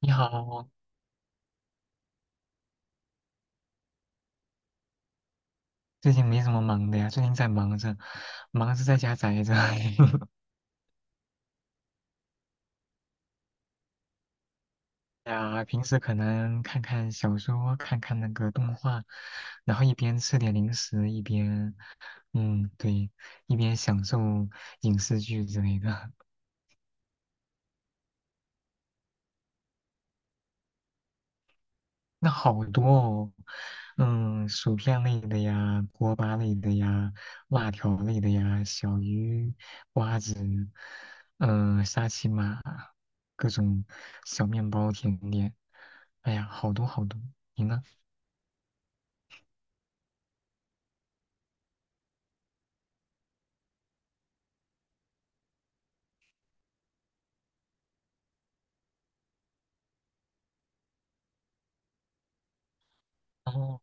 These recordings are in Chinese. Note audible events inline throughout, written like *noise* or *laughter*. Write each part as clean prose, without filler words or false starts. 你好。最近没什么忙的呀，最近在忙着，在家宅着。*laughs* 呀，平时可能看看小说，看看那个动画，然后一边吃点零食，一边，嗯，对，一边享受影视剧之类的。那好多哦，嗯，薯片类的呀，锅巴类的呀，辣条类的呀，小鱼、瓜子，嗯、沙琪玛，各种小面包、甜点，哎呀，好多好多。你呢？哦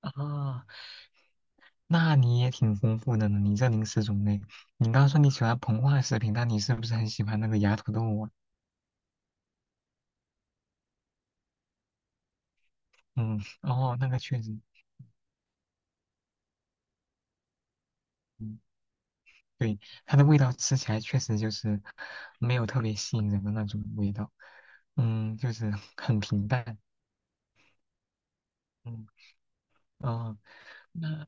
啊，那你也挺丰富的呢，你这零食种类。你刚刚说你喜欢膨化食品，那你是不是很喜欢那个芽土豆啊？嗯，哦，那个确实。对，它的味道吃起来确实就是没有特别吸引人的那种味道，嗯，就是 *laughs* 很平淡，嗯，哦，那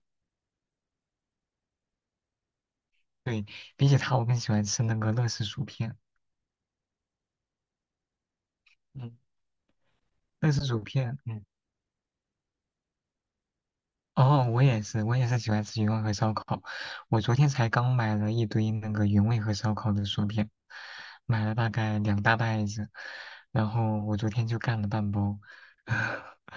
对，比起它，我更喜欢吃那个乐事薯片，嗯，乐事薯片，嗯，哦，我也是，我也是喜欢吃原味和烧烤，我昨天才刚买了一堆那个原味和烧烤的薯片，买了大概两大袋子，然后我昨天就干了半包。*laughs*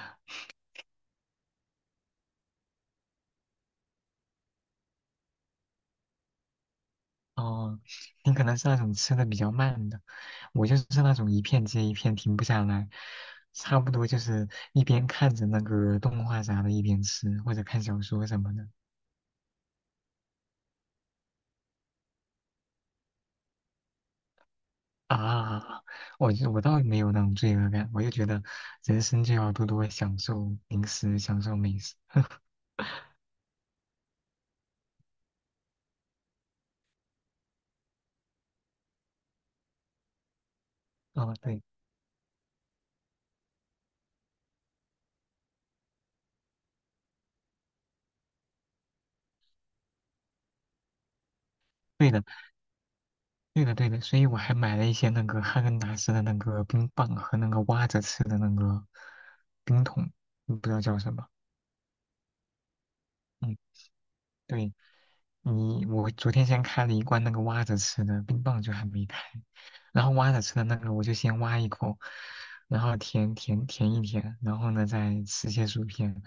哦，你可能是那种吃的比较慢的，我就是那种一片接一片停不下来，差不多就是一边看着那个动画啥的，一边吃或者看小说什么的。啊，我倒没有那种罪恶感，我就觉得人生就要多多享受零食，享受美食。哦，对，对的，对的，对的，所以我还买了一些那个哈根达斯的那个冰棒和那个挖着吃的那个冰桶，不知道叫什么。嗯，对。你我昨天先开了一罐那个挖着吃的，冰棒就还没开。然后挖着吃的那个，我就先挖一口，然后舔一舔，然后呢再吃些薯片，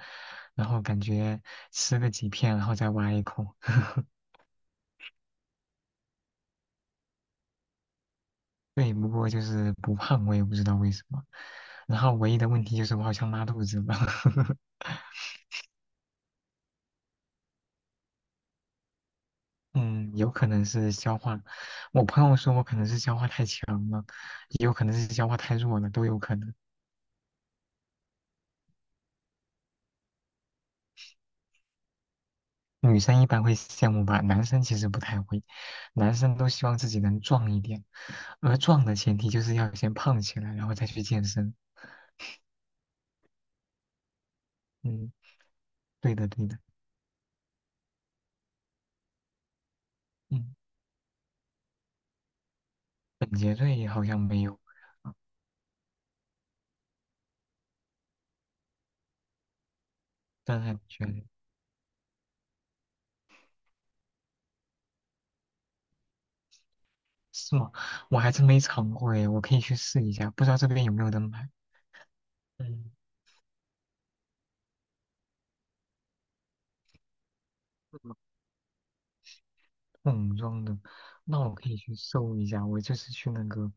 然后感觉吃个几片，然后再挖一口。*laughs* 对，不过就是不胖，我也不知道为什么。然后唯一的问题就是我好像拉肚子了。*laughs* 嗯，有可能是消化。我朋友说我可能是消化太强了，也有可能是消化太弱了，都有可能。女生一般会羡慕吧，男生其实不太会，男生都希望自己能壮一点，而壮的前提就是要先胖起来，然后再去健身。嗯，对的，对的。嗯，本杰瑞也好像没有，啊但还觉得是吗？我还真没尝过诶，我可以去试一下，不知道这边有没有人买。嗯桶装的，那我可以去搜一下，我就是去那个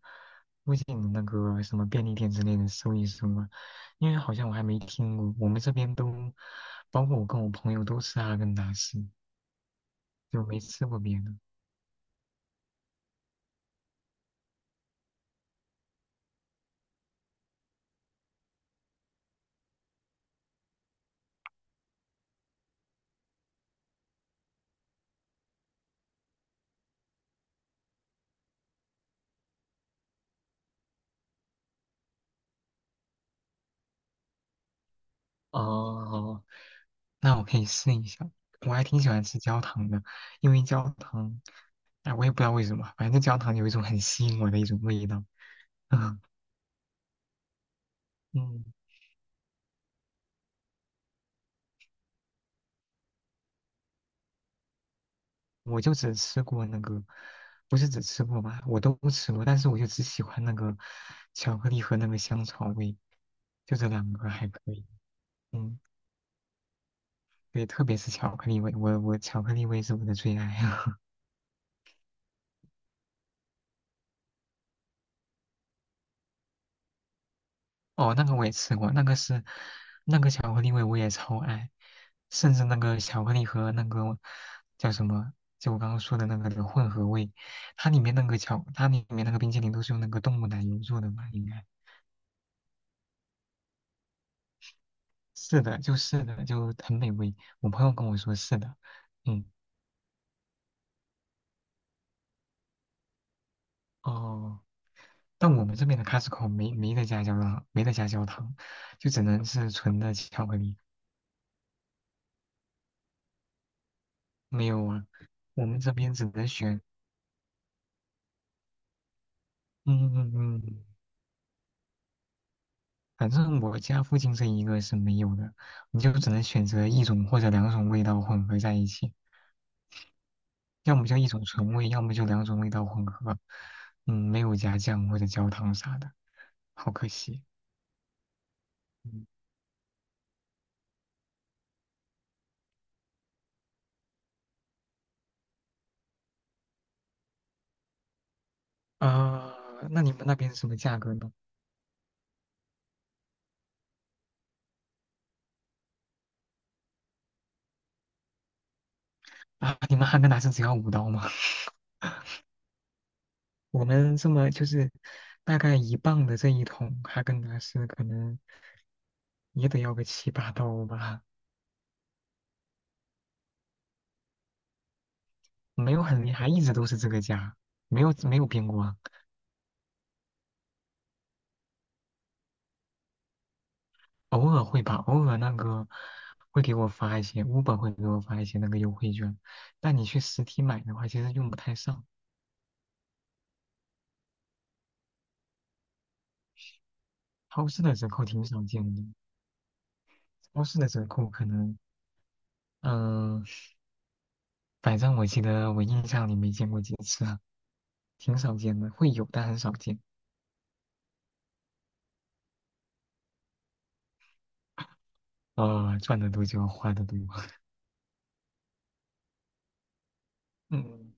附近的那个什么便利店之类的搜一搜嘛，因为好像我还没听过，我们这边都，包括我跟我朋友都吃阿根达斯，就没吃过别的。哦，那我可以试一下，我还挺喜欢吃焦糖的，因为焦糖，哎，我也不知道为什么，反正焦糖有一种很吸引我的一种味道。*laughs* 嗯我就只吃过那个，不是只吃过吧，我都吃过，但是我就只喜欢那个巧克力和那个香草味，就这两个还可以。嗯，对，特别是巧克力味，我巧克力味是我的最爱。*laughs* 哦，那个我也吃过，那个是那个巧克力味我也超爱，甚至那个巧克力和那个叫什么，就我刚刚说的那个的混合味，它里面那个巧，它里面那个冰淇淋都是用那个动物奶油做的吧，应该。是的，就是的，就很美味。我朋友跟我说是的，嗯，哦，但我们这边的 Costco 没得加焦糖，没得加焦糖，就只能是纯的巧克力。没有啊，我们这边只能选，嗯嗯嗯，反正我家附近这一个是没有的，你就只能选择一种或者两种味道混合在一起，要么就一种纯味，要么就两种味道混合，嗯，没有加酱或者焦糖啥的，好可惜。嗯啊、那你们那边是什么价格呢？啊，你们哈根达斯只要五刀吗？*laughs* 我们这么就是大概一磅的这一桶哈根达斯，可能也得要个七八刀吧，没有很厉害，一直都是这个价，没有没有变过啊，偶尔会吧，偶尔那个会给我发一些五 b 会给我发一些那个优惠券，但你去实体买的话，其实用不太上，超市的折扣挺少见的，超市的折扣可能，嗯、反正我记得我印象里没见过几次啊，挺少见的，会有但很少见。呃，赚的多就花的多。*laughs* 嗯，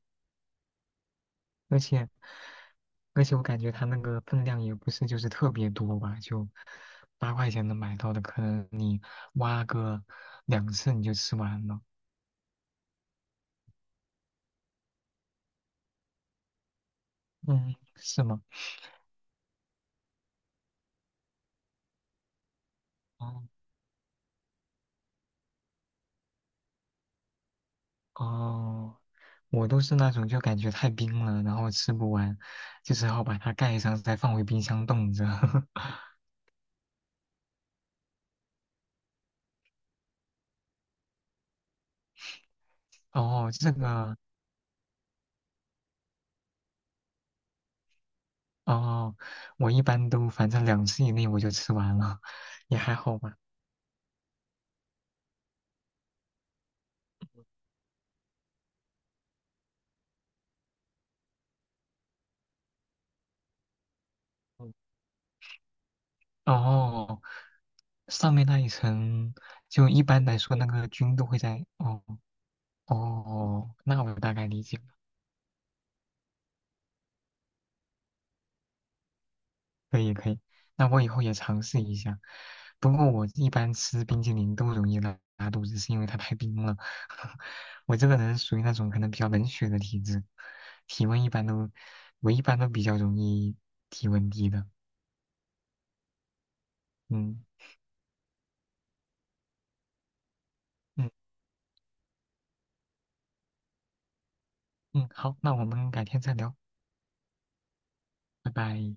而且而且我感觉它那个分量也不是就是特别多吧，就八块钱能买到的，可能你挖个两次你就吃完了。嗯，是吗？哦哦，我都是那种就感觉太冰了，然后吃不完，就只好把它盖上，再放回冰箱冻着。*laughs* 哦，这个哦，我一般都反正两次以内我就吃完了，也还好吧。嗯哦，上面那一层就一般来说那个菌都会在。哦哦，那我大概理解了，可以可以。那我以后也尝试一下。不过我一般吃冰激凌都容易拉肚子，是因为它太冰了。*laughs* 我这个人属于那种可能比较冷血的体质，体温一般都，我一般都比较容易体温低的。嗯嗯。嗯，好，那我们改天再聊，拜拜。